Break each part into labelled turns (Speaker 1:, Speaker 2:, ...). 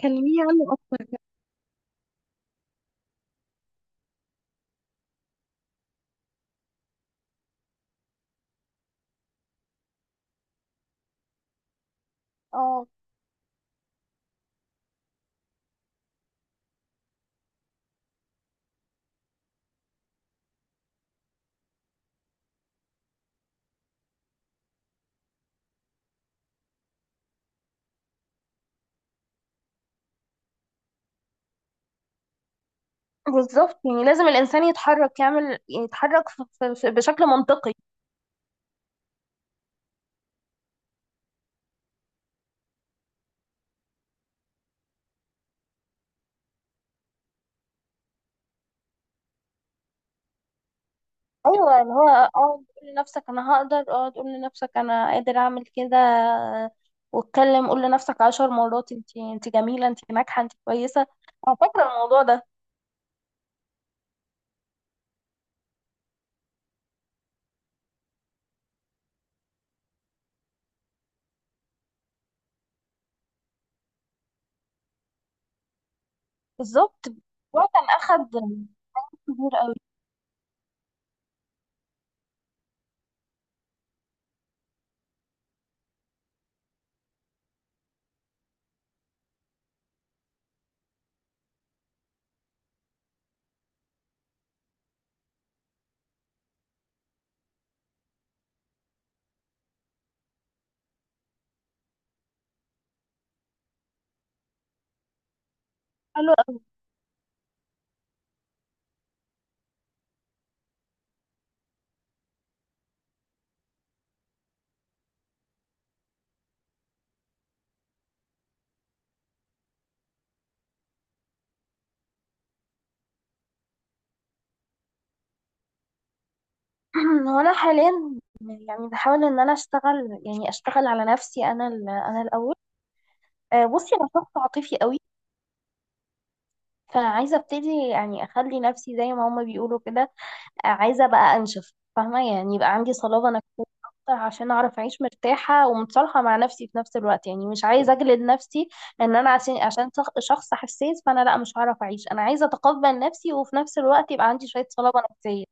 Speaker 1: كلميني عنه أكتر. اه، بالظبط، يعني لازم الانسان يتحرك يعمل يتحرك بشكل منطقي. ايوه، اللي هو تقول لنفسك انا هقدر، تقول لنفسك انا قادر اعمل كده. واتكلم قول لنفسك 10 مرات، انت جميله، انت ناجحه، انت كويسه. انا فاكره الموضوع ده. بالظبط. هو كان اخد كبير قوي. حلو قوي. هو انا حاليا يعني بحاول ان انا اشتغل، يعني اشتغل على نفسي انا، انا الاول. بصي، انا شخص عاطفي قوي، فعايزة ابتدي، يعني اخلي نفسي زي ما هما بيقولوا كده. عايزة بقى انشف، فاهمة؟ يعني يبقى عندي صلابة نفسية اكتر، عشان اعرف اعيش مرتاحة ومتصالحة مع نفسي في نفس الوقت، يعني مش عايزة اجلد نفسي ان انا، عشان شخص حساس، فانا لا مش هعرف اعيش، انا عايزة اتقبل نفسي وفي نفس الوقت يبقى عندي شوية صلابة نفسية.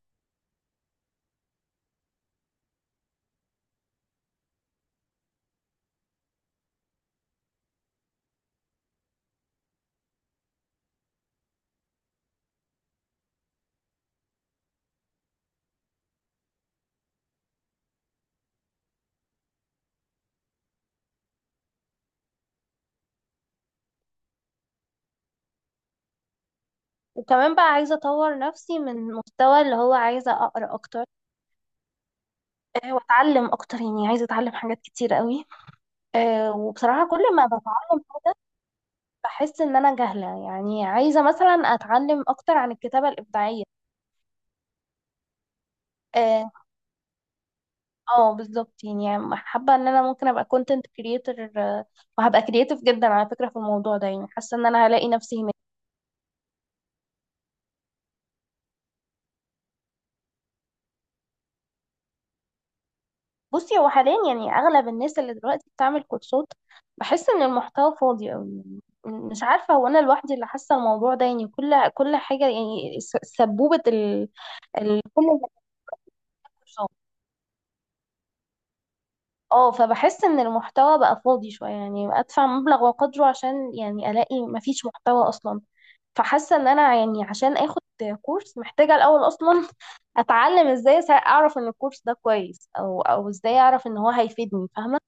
Speaker 1: وكمان بقى عايزة اطور نفسي من مستوى اللي هو عايزة اقرا اكتر، واتعلم اكتر، يعني عايزة اتعلم حاجات كتير قوي. وبصراحة كل ما بتعلم بحس ان انا جاهله. يعني عايزه مثلا اتعلم اكتر عن الكتابه الابداعيه. اه، بالظبط، يعني حابه ان انا ممكن ابقى كونتنت كريتور، وهبقى كرييتيف جدا على فكره في الموضوع ده. يعني حاسه ان انا هلاقي نفسي هناك. بصي، هو حاليا يعني اغلب الناس اللي دلوقتي بتعمل كورسات، بحس ان المحتوى فاضي قوي. يعني مش عارفه، هو انا لوحدي اللي حاسه الموضوع ده؟ يعني كل حاجه، يعني سبوبه كل الكورسات. اه، فبحس ان المحتوى بقى فاضي شوية، يعني ادفع مبلغ وقدره عشان يعني الاقي مفيش محتوى اصلا. فحاسة ان انا، يعني عشان اخد كورس، محتاجة الاول اصلا اتعلم ازاي، اعرف ان الكورس ده كويس، او ازاي اعرف ان هو هيفيدني، فاهمة؟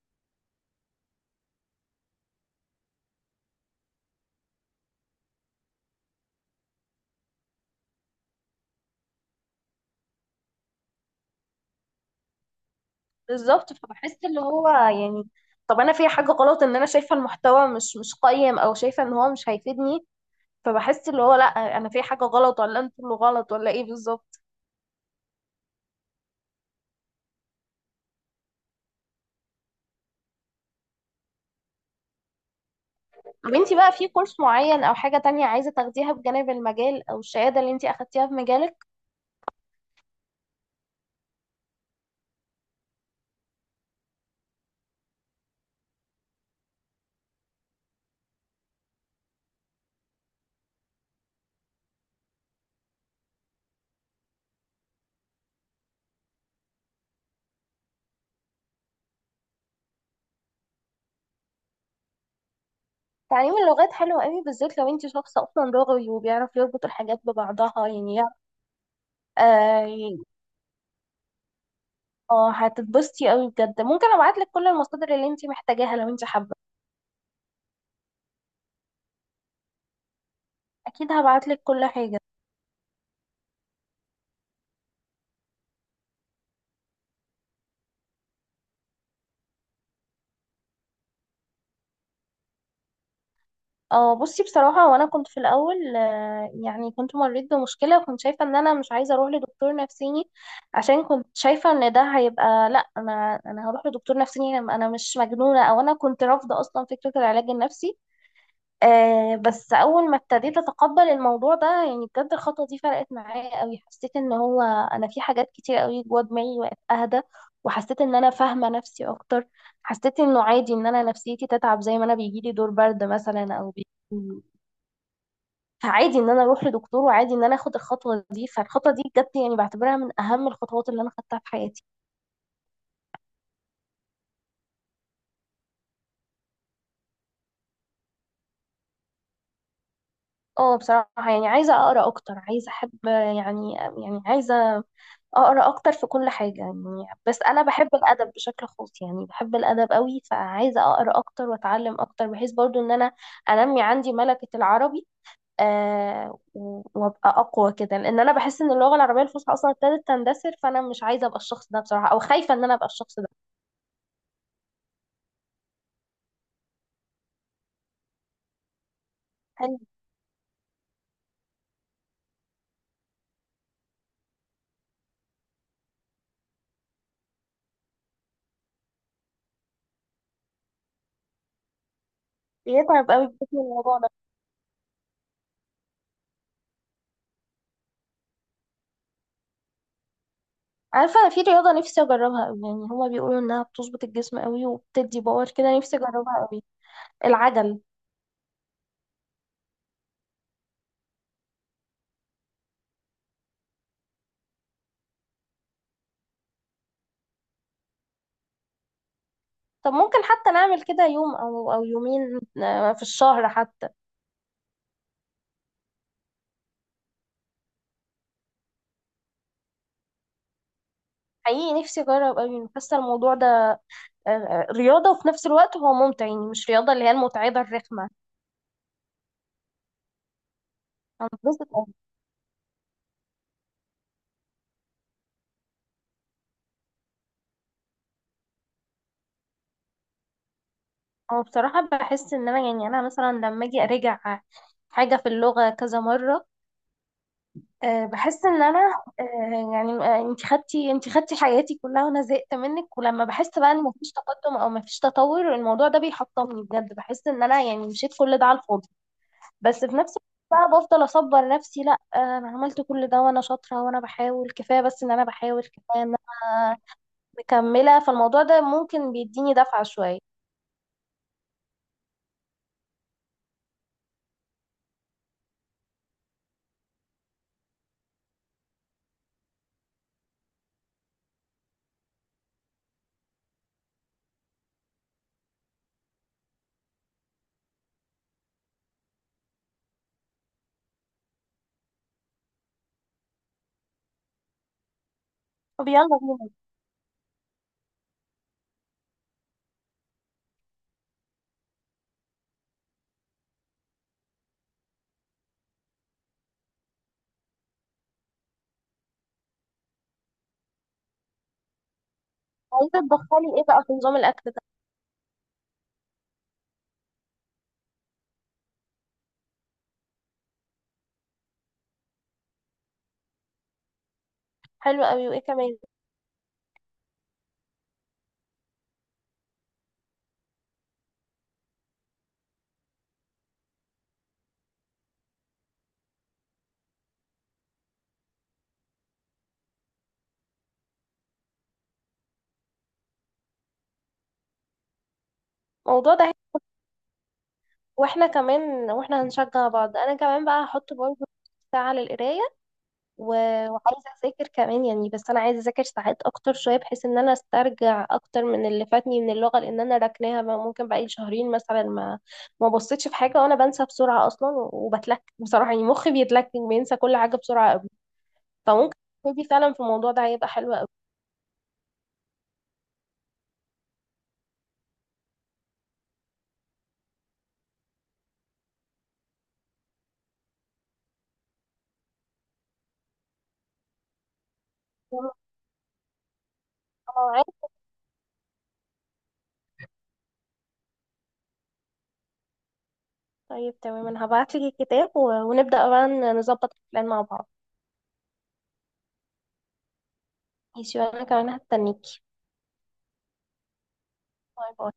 Speaker 1: بالظبط، فبحس اللي هو يعني طب انا في حاجة غلط، ان انا شايفة المحتوى مش قيم، او شايفة ان هو مش هيفيدني؟ فبحس اللي هو لا، انا في حاجة غلط، ولا انتوا اللي غلط، ولا ايه بالظبط؟ طب انت بقى في كورس معين او حاجة تانية عايزة تاخديها بجانب المجال او الشهادة اللي انت اخدتيها في مجالك؟ تعليم اللغات حلو قوي، بالذات لو انت شخص اصلا لغوي وبيعرف يربط الحاجات ببعضها، يعني اه، اه، هتتبسطي قوي بجد. ممكن ابعتلك كل المصادر اللي انت محتاجاها لو انت حابة. اكيد هبعتلك كل حاجة. اه، بصي بصراحة، وانا كنت في الاول، يعني كنت مريت بمشكلة وكنت شايفة ان انا مش عايزة اروح لدكتور نفسيني، عشان كنت شايفة ان ده هيبقى، لا انا هروح لدكتور نفسيني، انا مش مجنونة، او انا كنت رافضة اصلا فكرة العلاج النفسي. بس اول ما ابتديت اتقبل الموضوع ده، يعني بجد الخطوه دي فرقت معايا قوي. حسيت ان هو انا في حاجات كتير قوي جوه دماغي وقت اهدى، وحسيت ان انا فاهمه نفسي اكتر. حسيت انه عادي ان انا نفسيتي تتعب، زي ما انا بيجي لي دور برد مثلا، او فعادي ان انا اروح لدكتور، وعادي ان انا اخد الخطوه دي. فالخطوه دي بجد، يعني بعتبرها من اهم الخطوات اللي انا خدتها في حياتي. اه، بصراحه يعني عايزه اقرا اكتر، عايزه احب، يعني عايزه اقرا اكتر في كل حاجه. يعني بس انا بحب الادب بشكل خاص، يعني بحب الادب قوي. فعايزه اقرا اكتر واتعلم اكتر، بحيث برضو ان انا انمي عندي ملكه العربي، وابقى اقوى كده. لان انا بحس ان اللغه العربيه الفصحى اصلا ابتدت تندثر، فانا مش عايزه ابقى الشخص ده بصراحه، او خايفه ان انا ابقى الشخص ده. يعني بيتعب قوي بجسم الموضوع ده. عارفه انا في رياضه نفسي اجربها قوي، يعني هما بيقولوا انها بتظبط الجسم قوي وبتدي باور كده، نفسي اجربها قوي. العجل. طب ممكن حتى نعمل كده يوم او يومين، في الشهر حتى. حقيقي نفسي اجرب قوي، حاسه الموضوع ده رياضه وفي نفس الوقت هو ممتع، يعني مش رياضه اللي هي المتعبه الرخمه. هنبسط أوي. هو بصراحه بحس ان انا، يعني انا مثلا لما اجي اراجع حاجه في اللغه كذا مره، بحس ان انا، انت خدتي حياتي كلها وانا زهقت منك. ولما بحس بقى ان مفيش تقدم او مفيش تطور، الموضوع ده بيحطمني بجد، بحس ان انا يعني مشيت كل ده على الفاضي. بس في نفس الوقت بقى بفضل اصبر نفسي، لا انا عملت كل ده وانا شاطره وانا بحاول كفايه. بس ان انا بحاول كفايه ان انا مكمله فالموضوع ده، ممكن بيديني دفعه شويه. طب يلا بينا. عايزه تدخلي ايه بقى في نظام الاكل ده؟ حلو قوي، وايه كمان؟ الموضوع ده، واحنا كمان، واحنا هنشجع بعض. انا كمان بقى هحط برضه ساعه للقرايه و- وعايزة أذاكر كمان. يعني بس أنا عايزة أذاكر ساعات أكتر شوية، بحيث إن أنا أسترجع أكتر من اللي فاتني من اللغة، لأن أنا راكناها بقى، ممكن بقالي شهرين مثلا ما بصيتش في حاجة. وأنا بنسى بسرعة أصلا وبتلك بصراحة، يعني مخي بيتلك بينسى كل حاجة بسرعة أوي. فممكن تبتدي فعلا في الموضوع ده، هيبقى حلو أوي. يلا، أنا معاك. طيب تمام، أنا هبعتلك الكتاب ونبدأ بقى نظبط البلان مع بعض. ماشي وأنا كمان هستنيكي. باي باي.